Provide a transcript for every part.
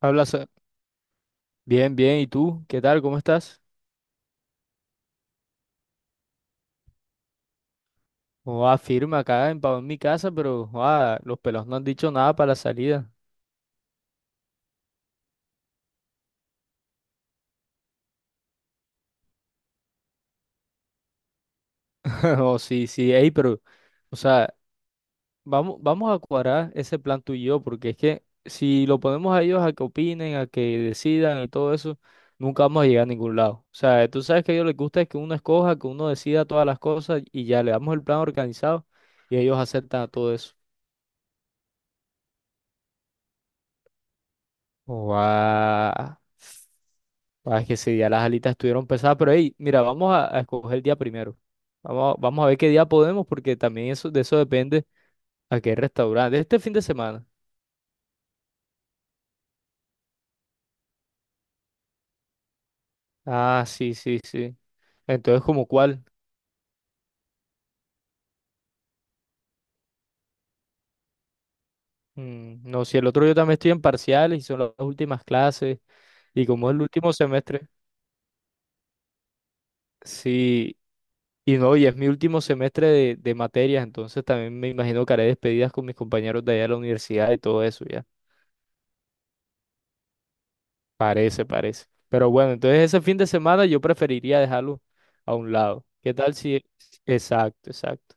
Habla, bien, bien. ¿Y tú? ¿Qué tal? ¿Cómo estás? O firma acá en mi casa, pero joa, los pelos no han dicho nada para la salida. O sí, sí, ey, pero, o sea, vamos, vamos a cuadrar ese plan tú y yo, porque es que si lo ponemos a ellos a que opinen, a que decidan y todo eso, nunca vamos a llegar a ningún lado. O sea, tú sabes que a ellos les gusta es que uno escoja, que uno decida todas las cosas y ya le damos el plan organizado y ellos aceptan a todo eso. Oh, guau. Ah, es que ese día las alitas estuvieron pesadas, pero hey, mira, vamos a escoger el día primero. Vamos a ver qué día podemos, porque también eso, de eso depende a qué restaurante. Este fin de semana. Ah, sí, sí, sí. Entonces, ¿como cuál? Mm, no, si el otro yo también estoy en parciales y son las últimas clases, y como es el último semestre, sí, y no, y es mi último semestre de materias, entonces también me imagino que haré despedidas con mis compañeros de allá de la universidad y todo eso, ya. Parece, parece. Pero bueno, entonces ese fin de semana yo preferiría dejarlo a un lado. ¿Qué tal si... Exacto, exacto.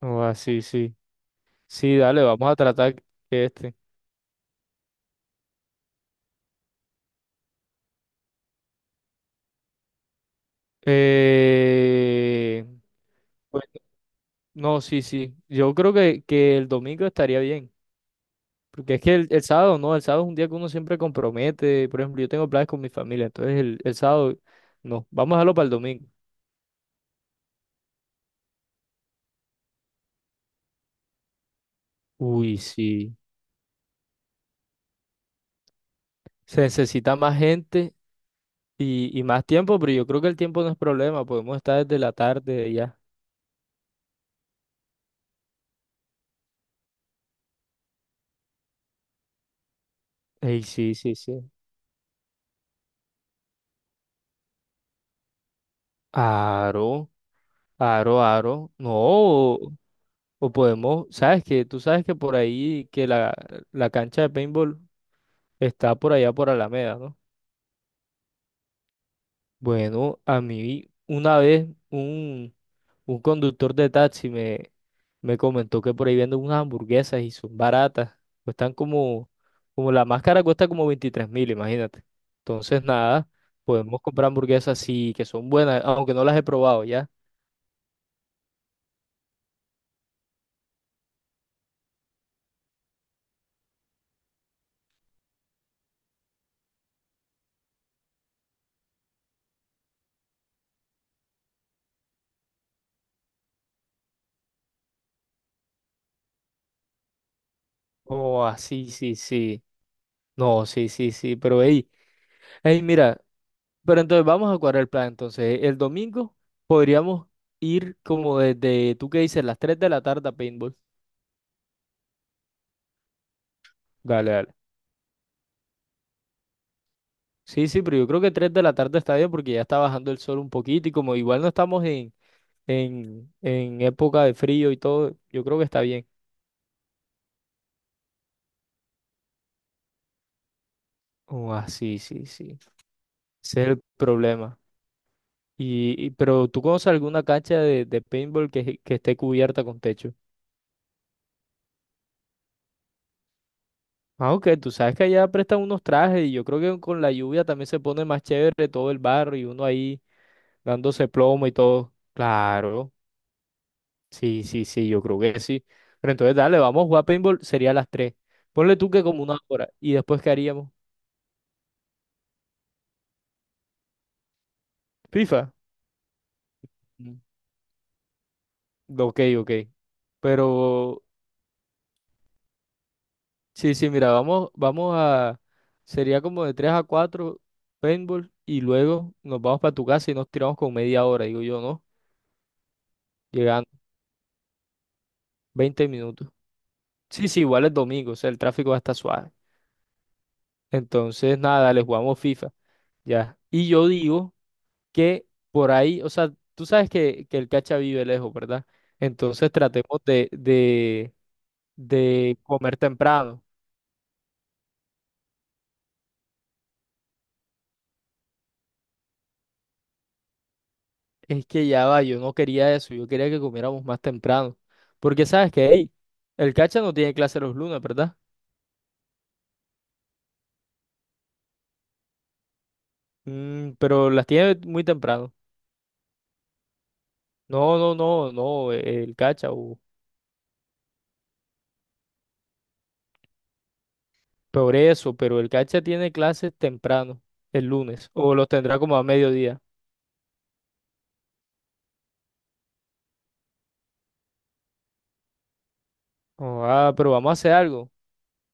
O así, sí. Sí, sí, dale, vamos a tratar que este. Eh, pues, no, sí, sí. Yo creo que el domingo estaría bien. Porque es que el sábado no, el sábado es un día que uno siempre compromete. Por ejemplo, yo tengo planes con mi familia, entonces el sábado no. Vamos a dejarlo para el domingo. Uy, sí. Se necesita más gente. Y más tiempo, pero yo creo que el tiempo no es problema, podemos estar desde la tarde ya. Ey, sí, sí, sí. Aro, aro, aro. No, o podemos, sabes que tú sabes que por ahí, que la cancha de paintball está por allá por Alameda, ¿no? Bueno, a mí una vez un conductor de taxi me comentó que por ahí venden unas hamburguesas y son baratas. Cuestan como la máscara cuesta como 23.000, imagínate. Entonces, nada, podemos comprar hamburguesas así, que son buenas, aunque no las he probado ya. Oh, así, sí, sí, sí. No, sí, sí, sí, pero hey, hey, mira, pero entonces vamos a cuadrar el plan. Entonces, el domingo podríamos ir como desde, ¿tú qué dices? Las 3 de la tarde a paintball. Dale, dale. Sí, sí, pero yo creo que 3 de la tarde está bien porque ya está bajando el sol un poquito y como igual no estamos en época de frío y todo, yo creo que está bien. Oh, ah, sí, sí, sí. Ese es el problema. Pero ¿tú conoces alguna cancha de paintball que esté cubierta con techo? Ah, ok, tú sabes que allá prestan unos trajes y yo creo que con la lluvia también se pone más chévere todo el barro y uno ahí dándose plomo y todo. Claro. Sí, sí, sí, yo creo que sí. Pero entonces, dale, vamos a jugar paintball, sería a las 3. Ponle tú que como una hora. ¿Y después qué haríamos? FIFA. Mm. Ok, ok. Pero, sí, sí, mira, vamos, vamos a... Sería como de 3 a cuatro paintball y luego nos vamos para tu casa y nos tiramos con media hora, digo yo, ¿no? Llegando, 20 minutos. Sí, sí, igual es domingo, o sea, el tráfico va a estar suave. Entonces, nada, dale, jugamos FIFA. Ya. Y yo digo... que por ahí, o sea, tú sabes que el cacha vive lejos, ¿verdad? Entonces tratemos de comer temprano. Es que ya va, yo no quería eso, yo quería que comiéramos más temprano. Porque sabes que, hey, el cacha no tiene clase los lunes, ¿verdad? Mm, pero las tiene muy temprano. No, no, no, no, el cacha, o peor eso, pero el cacha tiene clases temprano, el lunes, o los tendrá como a mediodía. Oh, ah, pero vamos a hacer algo.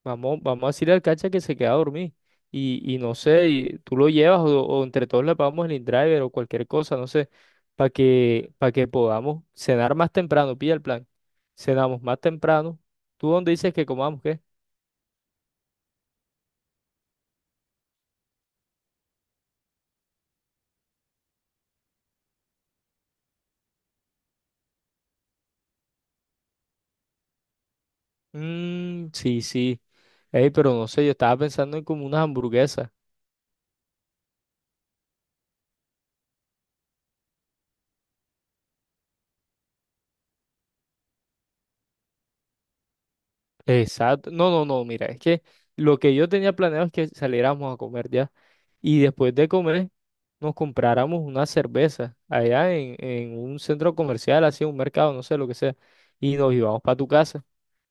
Vamos, vamos a decirle al cacha que se queda a dormir. Y no sé, y tú lo llevas o entre todos le pagamos el driver o cualquier cosa, no sé, para que podamos cenar más temprano. Pilla el plan. Cenamos más temprano. ¿Tú dónde dices que comamos qué? Mmm, sí, sí. Ey, pero no sé, yo estaba pensando en como unas hamburguesas. Exacto. No, no, no, mira, es que lo que yo tenía planeado es que saliéramos a comer ya. Y después de comer nos compráramos una cerveza allá en un centro comercial, así un mercado, no sé lo que sea, y nos íbamos para tu casa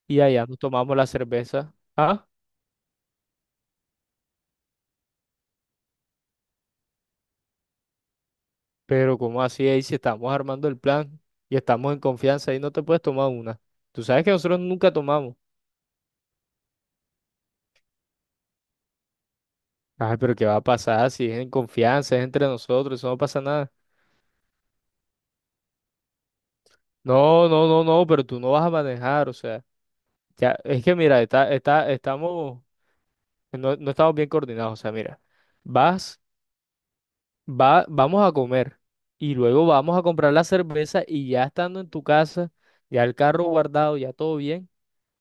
y allá nos tomamos la cerveza. Ah, pero ¿cómo así ahí si estamos armando el plan y estamos en confianza ahí no te puedes tomar una? Tú sabes que nosotros nunca tomamos. Ay, pero ¿qué va a pasar si es en confianza, es entre nosotros, eso no pasa nada? No, no, no, no, pero tú no vas a manejar, o sea, ya, es que mira, no, no estamos bien coordinados, o sea, mira, vas. vamos a comer y luego vamos a comprar la cerveza y ya estando en tu casa, ya el carro guardado, ya todo bien,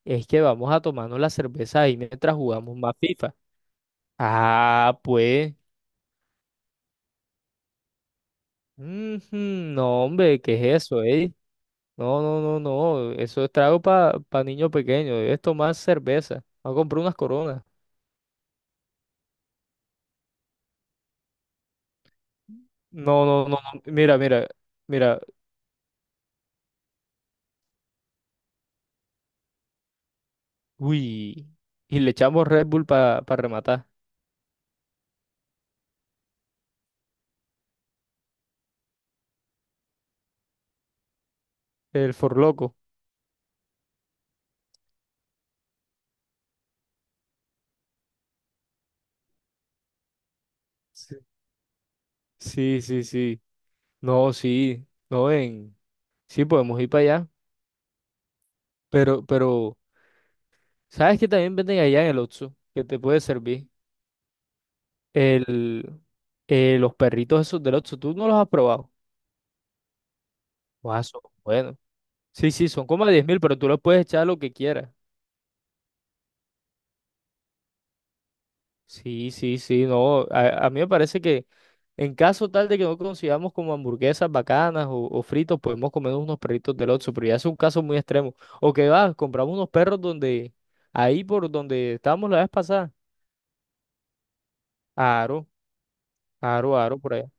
es que vamos a tomarnos la cerveza ahí mientras jugamos más FIFA. Ah, pues, ujú, no, hombre, ¿qué es eso, eh? No, no, no, no, eso es trago para niño pequeño, debes tomar cerveza. Vamos a comprar unas coronas. No, no, no, no, mira, mira, mira, uy, y le echamos Red Bull para rematar, el forloco. Sí, sí, sí, sí. No, sí, no en, sí podemos ir para allá, pero, ¿sabes que también venden allá en el Oxxo? Que te puede servir el, los perritos esos del Oxxo, ¿tú no los has probado? Ah, son buenos. Sí, sí, son como 10.000, pero tú los puedes echar lo que quieras. Sí, sí, sí, no, a mí me parece que en caso tal de que no consigamos como hamburguesas bacanas o fritos, podemos comer unos perritos del Oxxo, pero ya es un caso muy extremo. O que va, compramos unos perros donde, ahí por donde estábamos la vez pasada. Aro, aro, aro por allá.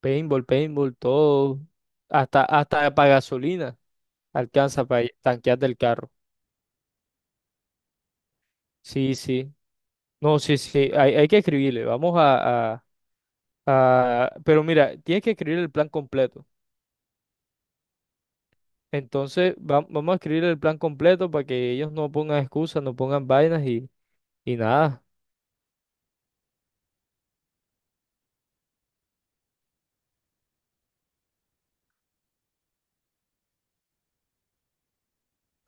Paintball, paintball, todo. Hasta para gasolina alcanza para tanquear del carro. Sí, sí. No, sí, sí. Hay que escribirle. Vamos pero mira, tienes que escribir el plan completo. Entonces, vamos a escribir el plan completo para que ellos no pongan excusas, no pongan vainas y nada.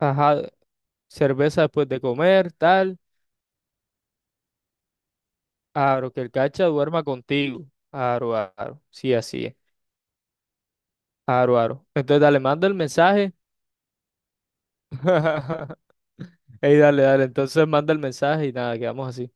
Ajá. Cerveza después de comer, tal. Aro, que el cacha duerma contigo. Aro, aro. Sí, así es. Aro, aro. Entonces, dale, manda el mensaje. Ey, dale, dale. Entonces manda el mensaje y nada, quedamos así.